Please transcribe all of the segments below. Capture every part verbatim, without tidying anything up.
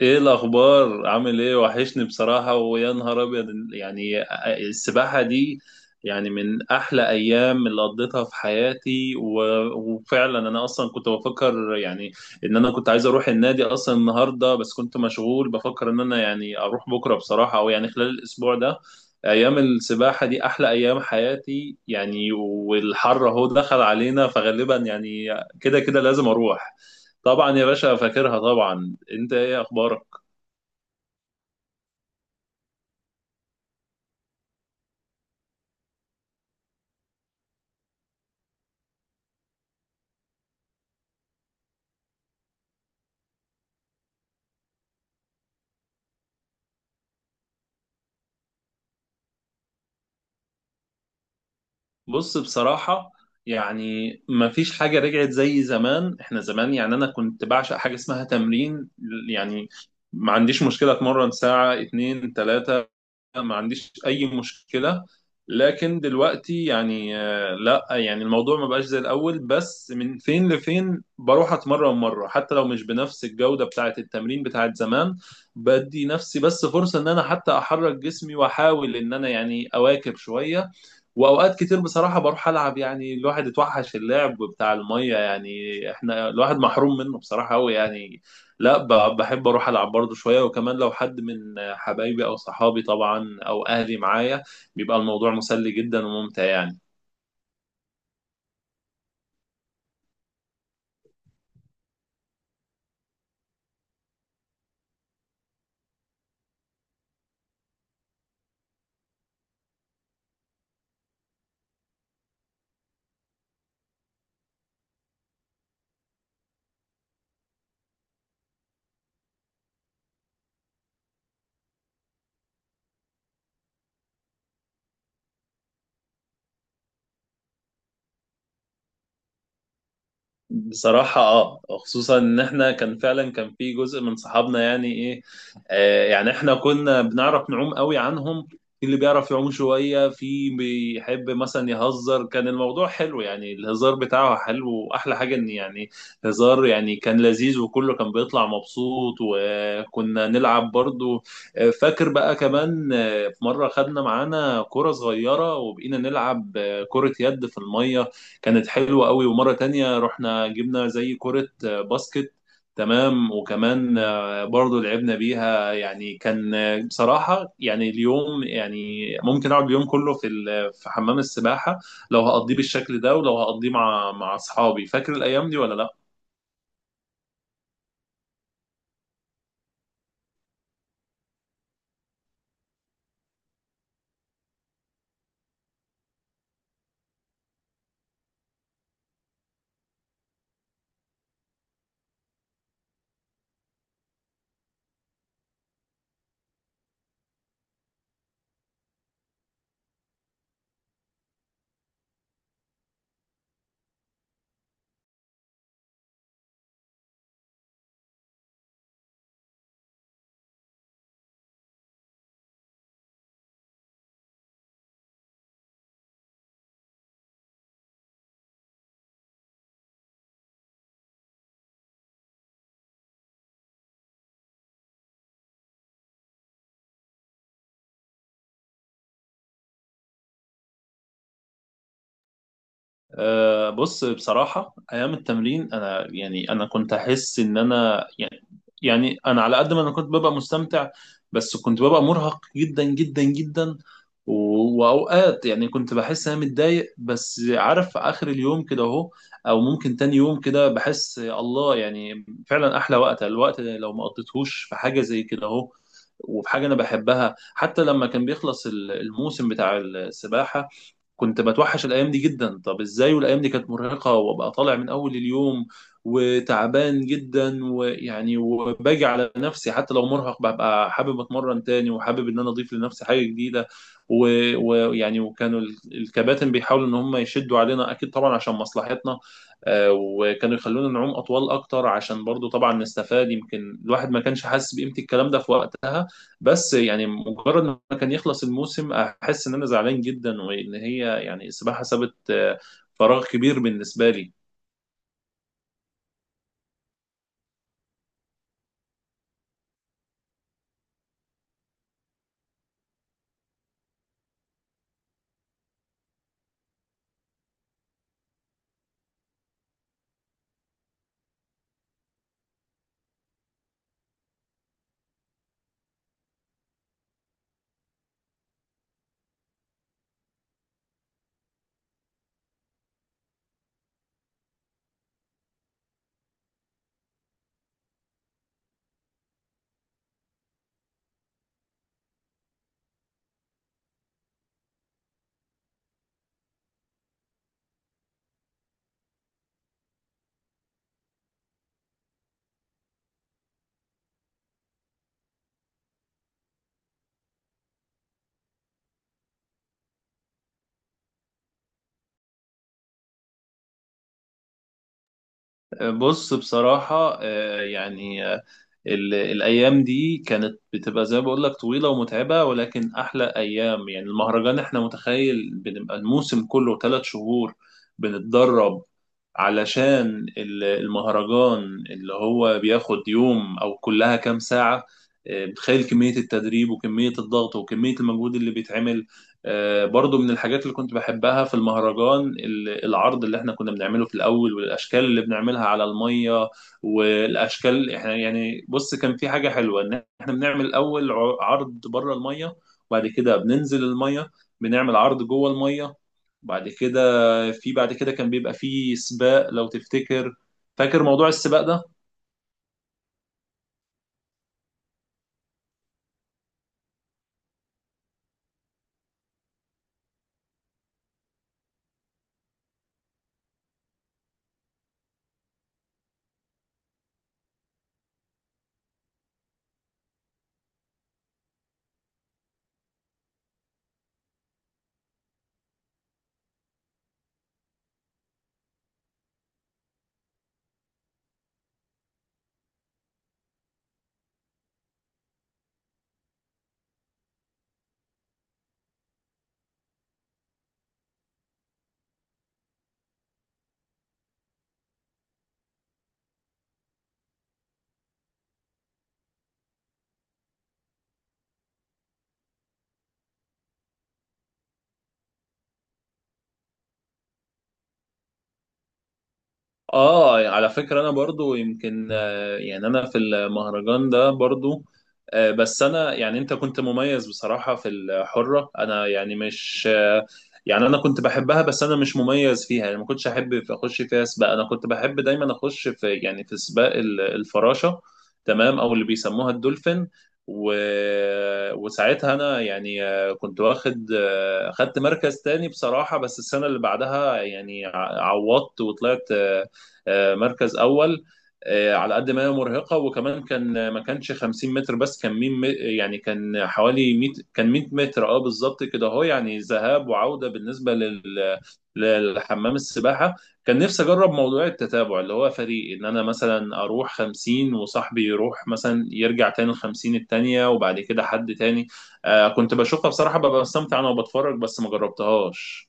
ايه الاخبار؟ عامل ايه؟ وحشني بصراحه، ويا نهار ابيض. يعني السباحه دي يعني من احلى ايام اللي قضيتها في حياتي و... وفعلا. انا اصلا كنت بفكر يعني ان انا كنت عايز اروح النادي اصلا النهارده، بس كنت مشغول، بفكر ان انا يعني اروح بكره بصراحه، او يعني خلال الاسبوع ده. ايام السباحه دي احلى ايام حياتي يعني، والحر اهو دخل علينا، فغالبا يعني كده كده لازم اروح. طبعا يا باشا، فاكرها طبعا. انت ايه اخبارك؟ بص بصراحة، يعني مفيش حاجة رجعت زي زمان. احنا زمان يعني انا كنت بعشق حاجة اسمها تمرين. يعني ما عنديش مشكلة اتمرن ساعة، اتنين، تلاتة، ما عنديش اي مشكلة. لكن دلوقتي يعني آه، لا، يعني الموضوع ما بقاش زي الاول، بس من فين لفين بروح اتمرن مرة حتى لو مش بنفس الجودة بتاعة التمرين بتاعة زمان. بدي نفسي بس فرصة ان انا حتى احرك جسمي واحاول ان انا يعني اواكب شوية. واوقات كتير بصراحه بروح العب، يعني الواحد اتوحش اللعب بتاع الميه يعني، احنا الواحد محروم منه بصراحه قوي يعني. لا، ب- بحب اروح العب برضه شويه، وكمان لو حد من حبايبي او صحابي طبعا او اهلي معايا بيبقى الموضوع مسلي جدا وممتع يعني. بصراحة اه، خصوصا ان احنا كان فعلا كان في جزء من صحابنا يعني ايه، آه يعني احنا كنا بنعرف نعوم قوي عنهم. في اللي بيعرف يعوم شوية، في بيحب مثلا يهزر. كان الموضوع حلو يعني، الهزار بتاعه حلو، واحلى حاجة ان يعني هزار يعني كان لذيذ، وكله كان بيطلع مبسوط، وكنا نلعب برضو. آه، فاكر بقى كمان، آه، في مرة خدنا معانا كرة صغيرة وبقينا نلعب آه، كرة يد في المية. كانت حلوة قوي. ومرة تانية رحنا جبنا زي كرة آه، باسكت، تمام، وكمان آه، برضو لعبنا بيها. يعني كان آه، بصراحة يعني اليوم، يعني ممكن أقعد اليوم كله في ال- في حمام السباحة لو هقضيه بالشكل ده، ولو هقضيه مع مع أصحابي. فاكر الأيام دي ولا لأ؟ أه، بص بصراحة، أيام التمرين أنا، يعني أنا كنت أحس إن أنا يعني يعني أنا على قد ما أنا كنت ببقى مستمتع بس كنت ببقى مرهق جدا جدا جدا. و- وأوقات يعني كنت بحس إن أنا متضايق، بس عارف آخر اليوم كده أهو، أو ممكن تاني يوم كده بحس الله، يعني فعلا أحلى وقت الوقت اللي لو ما قضيتهوش في حاجة زي كده أهو. وفي حاجة أنا بحبها، حتى لما كان بيخلص ال- الموسم بتاع السباحة كنت بتوحش الايام دي جدا. طب ازاي، والايام دي كانت مرهقه وابقى طالع من اول اليوم وتعبان جدا، ويعني وباجي على نفسي حتى لو مرهق ببقى حابب اتمرن تاني، وحابب ان انا اضيف لنفسي حاجه جديده. و- ويعني وكانوا ال- الكباتن بيحاولوا ان هم يشدوا علينا اكيد طبعا عشان مصلحتنا. آه، وكانوا يخلونا نعوم اطول اكتر عشان برضو طبعا نستفاد، يمكن الواحد ما كانش حاسس بقيمه الكلام ده في وقتها. بس يعني مجرد ما كان يخلص الموسم احس ان انا زعلان جدا، وان هي يعني السباحه سابت آه، فراغ كبير بالنسبه لي. بص بصراحة، آه، يعني آه، ال- الأيام دي كانت بتبقى زي ما بقول لك طويلة ومتعبة، ولكن أحلى أيام. يعني المهرجان، إحنا متخيل بنبقى الموسم كله ثلاث شهور بنتدرب علشان ال- المهرجان، اللي هو بياخد يوم أو كلها كام ساعة. آه، بتخيل كمية التدريب وكمية الضغط وكمية المجهود اللي بيتعمل. آه، برضو من الحاجات اللي كنت بحبها في المهرجان ال- العرض اللي احنا كنا بنعمله في الأول، والأشكال اللي بنعملها على المية. والأشكال، احنا يعني بص كان في حاجة حلوة إن احنا بنعمل الأول ع- عرض بره المية، وبعد كده بننزل المية بنعمل عرض جوه المية. بعد كده، في بعد كده كان بيبقى في سباق لو تفتكر. فاكر موضوع السباق ده؟ اه، يعني على فكرة انا برضو يمكن، آه، يعني انا في المهرجان ده برضو. آه، بس انا يعني انت كنت مميز بصراحة في الحرة، انا يعني مش آه، يعني انا كنت بحبها بس انا مش مميز فيها يعني. ما كنتش احب في- اخش فيها سباق، انا كنت بحب دايما اخش في، يعني في سباق ال- الفراشة، تمام، او اللي بيسموها الدولفين. و... وساعتها انا يعني آه، كنت واخد آه، خدت مركز تاني بصراحة. بس السنة اللي بعدها يعني ع- عوضت وطلعت آه، آه، مركز اول. آه، على قد ما هي مرهقه، وكمان كان ما كانش 50 متر، بس كان مية، يعني كان حوالي مية، كان مية متر اه بالظبط كده اهو، يعني ذهاب وعوده بالنسبه لل للحمام السباحه. كان نفسي اجرب موضوع التتابع اللي هو فريق، ان انا مثلا اروح خمسين وصاحبي يروح مثلا يرجع تاني ال الخمسين التانيه وبعد كده حد تاني. آه كنت بشوفها بصراحه ببقى مستمتع انا وبتفرج، بس ما جربتهاش.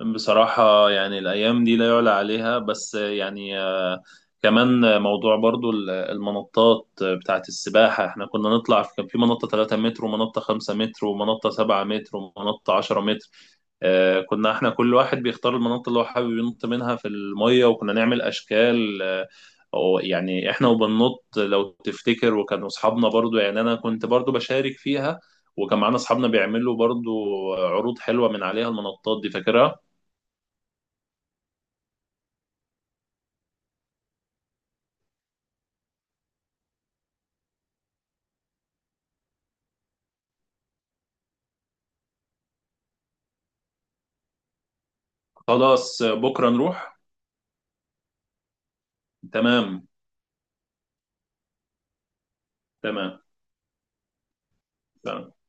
بصراحة يعني الأيام دي لا يعلى عليها. بس يعني، آه، كمان موضوع برضو ال- المنطات بتاعت السباحة، احنا كنا نطلع في- كان في منطة 3 متر ومنطة 5 متر ومنطة 7 متر ومنطة 10 متر. آه، كنا احنا كل واحد بيختار المنطقة اللي هو حابب ينط منها في المية، وكنا نعمل أشكال، آه، أو يعني احنا وبننط لو تفتكر. وكانوا أصحابنا برضو، يعني أنا كنت برضو بشارك فيها، وكان معانا أصحابنا بيعملوا برضو عروض حلوة من عليها المنطات دي فاكرها؟ خلاص بكرة نروح. تمام. تمام. تمام.